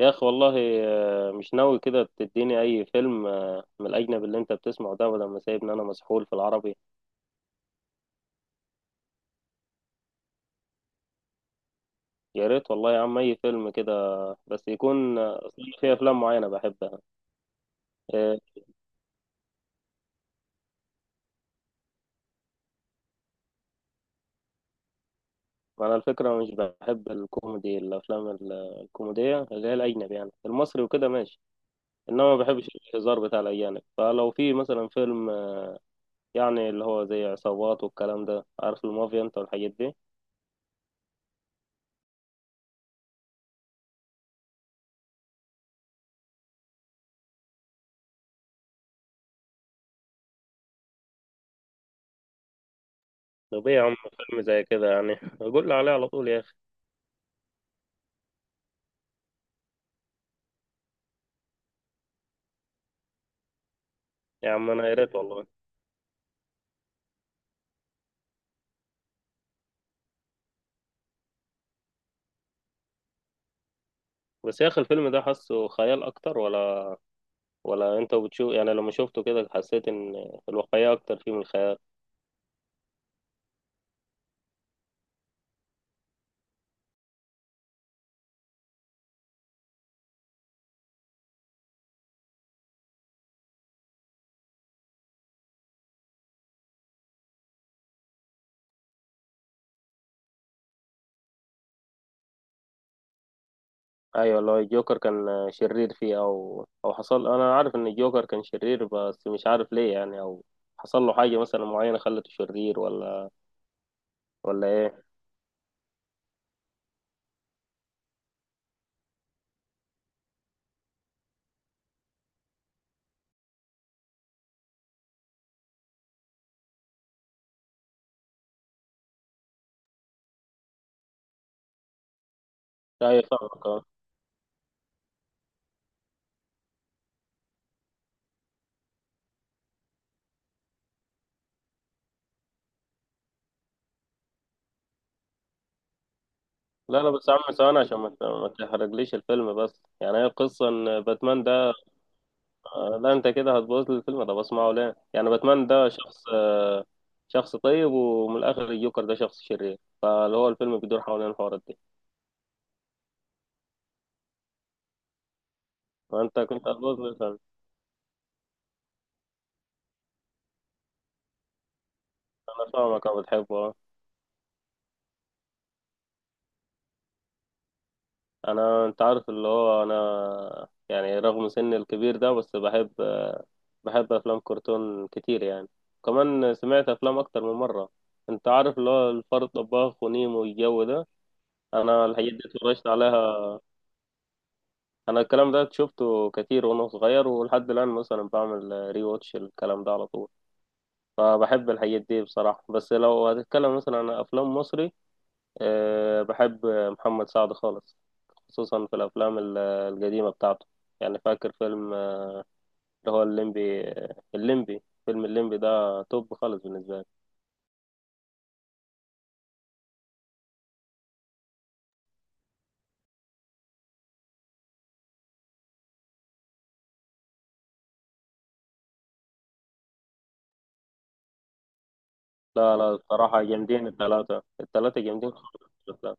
يا اخي والله. مش ناوي كده تديني اي فيلم، من الاجنبي اللي انت بتسمعه ده بدل ما سايبني انا مسحول في العربي. يا ريت والله يا عم اي فيلم كده. بس يكون أصل أنا في افلام معينه بحبها. آه، انا الفكره مش بحب الكوميدي الافلام الكوميديه اللي هي الاجنبي يعني المصري وكده ماشي. انما ما بحبش الهزار بتاع الاجانب، فلو في مثلا فيلم، يعني اللي هو زي عصابات والكلام ده، عارف المافيا انت والحاجات دي. طب ايه يا عم، فيلم زي كده يعني قول لي عليه على طول يا اخي. يا عم انا يا ريت والله. بس يا اخي الفيلم ده حاسه خيال اكتر ولا ولا انت بتشوف، يعني لما شفته كده حسيت ان الواقعية اكتر فيه من الخيال؟ ايوه والله الجوكر كان شرير فيه او او حصل، انا عارف ان الجوكر كان شرير بس مش عارف ليه، يعني او حصل له حاجة مثلا معينة خلته شرير ولا ولا ايه؟ ايوه فاهمك اه. لا لا بس يا عم ثواني عشان ما تحرقليش الفيلم، بس يعني هي القصة ان باتمان ده، لا انت كده هتبوظ لي الفيلم، ده بسمعه ليه؟ يعني باتمان ده شخص، شخص طيب ومن الاخر الجوكر ده شخص شرير، فاللي هو الفيلم بيدور حوالين الحوارات دي. وانت كنت هتبوظ مثلا. انا فاهمك، انا بتحبه آه. انا انت عارف اللي هو انا يعني رغم سني الكبير ده بس بحب، بحب افلام كرتون كتير يعني. كمان سمعت افلام اكتر من مره. انت عارف اللي هو الفار الطباخ ونيمو والجو ده، انا الحاجات دي اتفرجت عليها. انا الكلام ده شفته كتير وانا صغير، ولحد الان مثلا بعمل ري واتش الكلام ده على طول. فبحب الحاجات دي بصراحة، بس لو هتتكلم مثلا عن أفلام مصري، أه بحب محمد سعد خالص، خصوصا في الأفلام القديمة بتاعته. يعني فاكر فيلم، اللي هو الليمبي، الليمبي، فيلم الليمبي ده توب خالص بالنسبة لي. لا لا بصراحة جامدين، التلاتة جامدين خالص في الأفلام.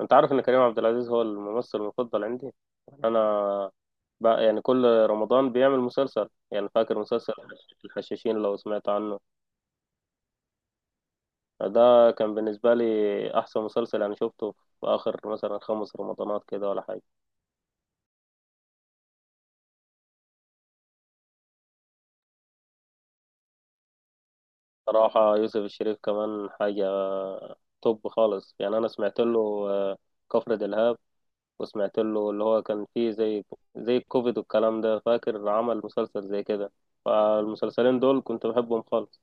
أنت عارف إن كريم عبد العزيز هو الممثل المفضل عندي. يعني أنا بقى يعني كل رمضان بيعمل مسلسل، يعني فاكر مسلسل الحشاشين لو سمعت عنه؟ ده كان بالنسبة لي أحسن مسلسل أنا شفته في آخر مثلا خمس رمضانات كده ولا حاجة. صراحة يوسف الشريف كمان حاجة توب خالص، يعني أنا سمعت له آه، كفر دلهاب، وسمعت له اللي هو كان فيه زي زي الكوفيد والكلام ده، فاكر عمل مسلسل زي كده. فالمسلسلين دول كنت بحبهم خالص.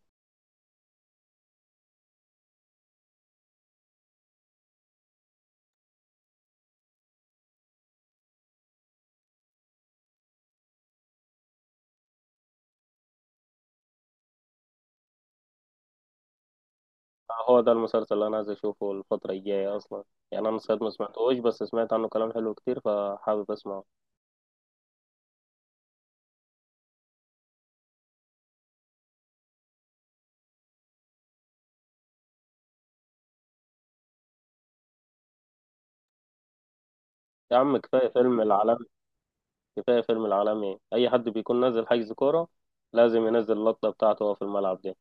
هو ده المسلسل اللي أنا عايز أشوفه الفترة الجاية أصلا، يعني أنا ساعات ما سمعتهوش بس سمعت عنه كلام حلو كتير فحابب أسمعه. يا عم كفاية فيلم العالمي، كفاية فيلم العالمي، أي حد بيكون نازل حجز كورة لازم ينزل اللقطة بتاعته وهو في الملعب دي.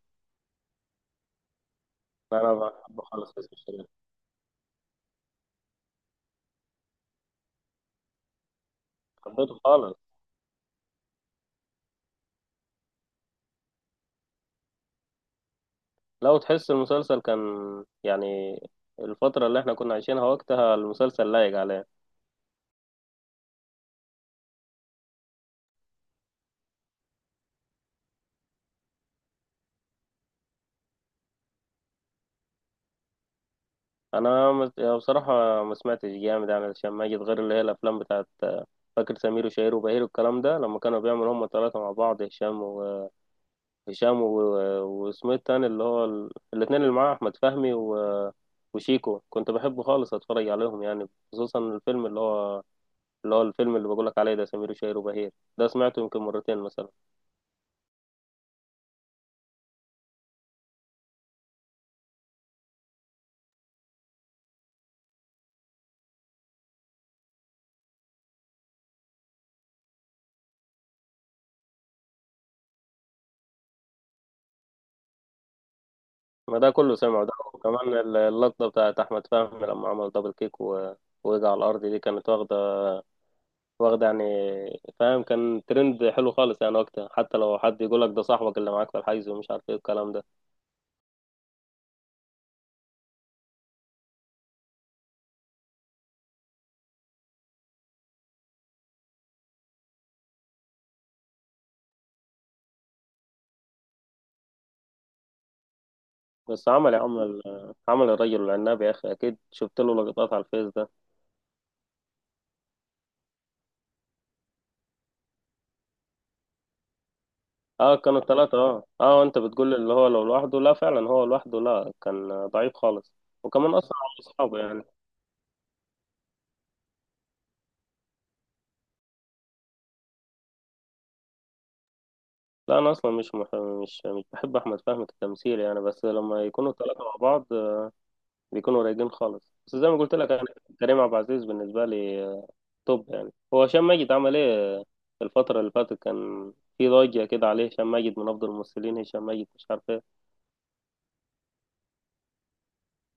أنا بحبه خالص يوسف شاهين. حبيته خالص، لو تحس المسلسل كان يعني الفترة اللي احنا كنا عايشينها وقتها المسلسل لايق عليه. يعني بصراحة ما سمعتش جامد، يعني عشان ما أجي غير اللي هي الأفلام بتاعت، فاكر سمير وشهير وبهير والكلام ده لما كانوا بيعملوا هما التلاتة مع بعض، هشام، واسمه التاني اللي هو الاتنين اللي معاه أحمد فهمي وشيكو، كنت بحبه خالص أتفرج عليهم يعني، خصوصا الفيلم اللي هو، اللي هو الفيلم اللي بقولك عليه ده سمير وشهير وبهير ده سمعته يمكن مرتين مثلا. ما ده كله سمعه، ده وكمان اللقطة بتاعت أحمد فهمي لما عمل دبل كيك ووقع على الأرض دي، كانت واخدة، واخدة يعني فاهم، كان ترند حلو خالص يعني وقتها، حتى لو حد يقولك ده صاحبك اللي معاك في الحيز ومش عارف ايه الكلام ده. بس عمل الرجل العناب يا اخي، اكيد شفت له لقطات على الفيس ده. اه كانوا ثلاثة، اه اه انت بتقول اللي هو لو لوحده، لا فعلا هو لوحده لا كان ضعيف خالص. وكمان اصلا على اصحابه يعني. لا انا اصلا مش مح... مش مش بحب احمد فهمي كتمثيل يعني، بس لما يكونوا ثلاثة مع بعض، بيكونوا رايقين خالص، بس زي ما قلت لك يعني كريم عبد العزيز بالنسبة لي، توب، يعني هو هشام ماجد عمل ايه؟ الفترة اللي فاتت كان في ضجة كده عليه، هشام ماجد من افضل الممثلين، هشام ماجد مش عارف.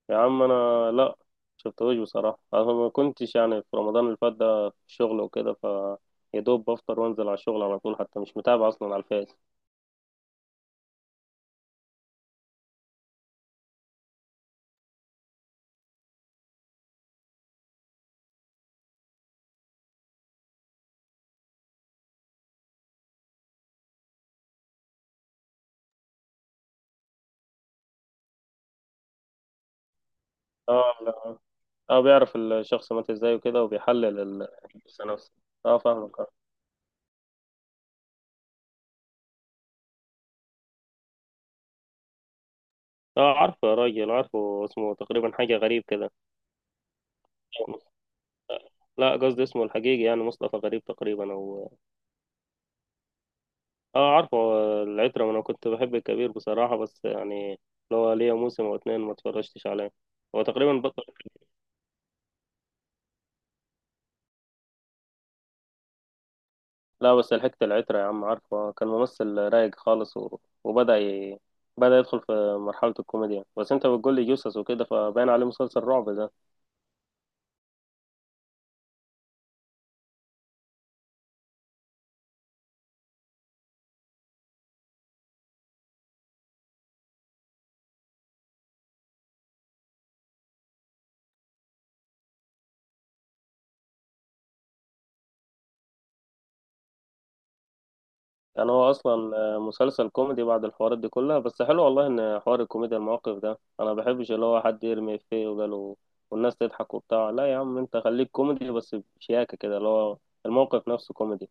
يا عم انا لا شفتوش بصراحه، انا ما كنتش يعني في رمضان اللي فات ده في الشغل وكده، ف يا دوب بفطر وانزل على الشغل على طول، حتى مش متابع اصلا على الفيس. اه لا، اه بيعرف الشخص مات ازاي وكده وبيحلل الجثه نفسه. اه فاهمك اه. عارفه يا راجل، عارفه، اسمه تقريبا حاجه غريب كده. لا قصدي اسمه الحقيقي يعني، مصطفى غريب تقريبا او. اه عارفه، العترة انا كنت بحب الكبير بصراحة، بس يعني لو ليا موسم او اتنين ما اتفرجتش عليه، هو تقريبا بطل. لا بس لحقت العترة يا عم، عارفه كان ممثل رايق خالص وبدأ بدأ يدخل في مرحلة الكوميديا، بس انت بتقول لي جثث وكده فباين عليه مسلسل رعب ده. يعني هو اصلا مسلسل كوميدي بعد الحوارات دي كلها؟ بس حلو والله ان حوار الكوميديا المواقف ده، انا بحبش اللي هو حد يرمي افيه وقاله والناس تضحك وبتاع، لا يا عم انت خليك كوميدي بس بشياكة كده، اللي هو الموقف نفسه كوميدي.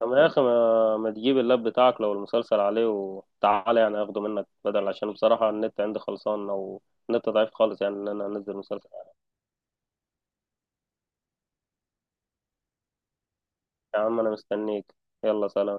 طب يا اخي ما تجيب اللاب بتاعك لو المسلسل عليه وتعالى، يعني اخده منك بدل، عشان بصراحة النت عندي خلصان او النت ضعيف خالص يعني ان انا انزل مسلسل. يا عم انا مستنيك، يلا سلام.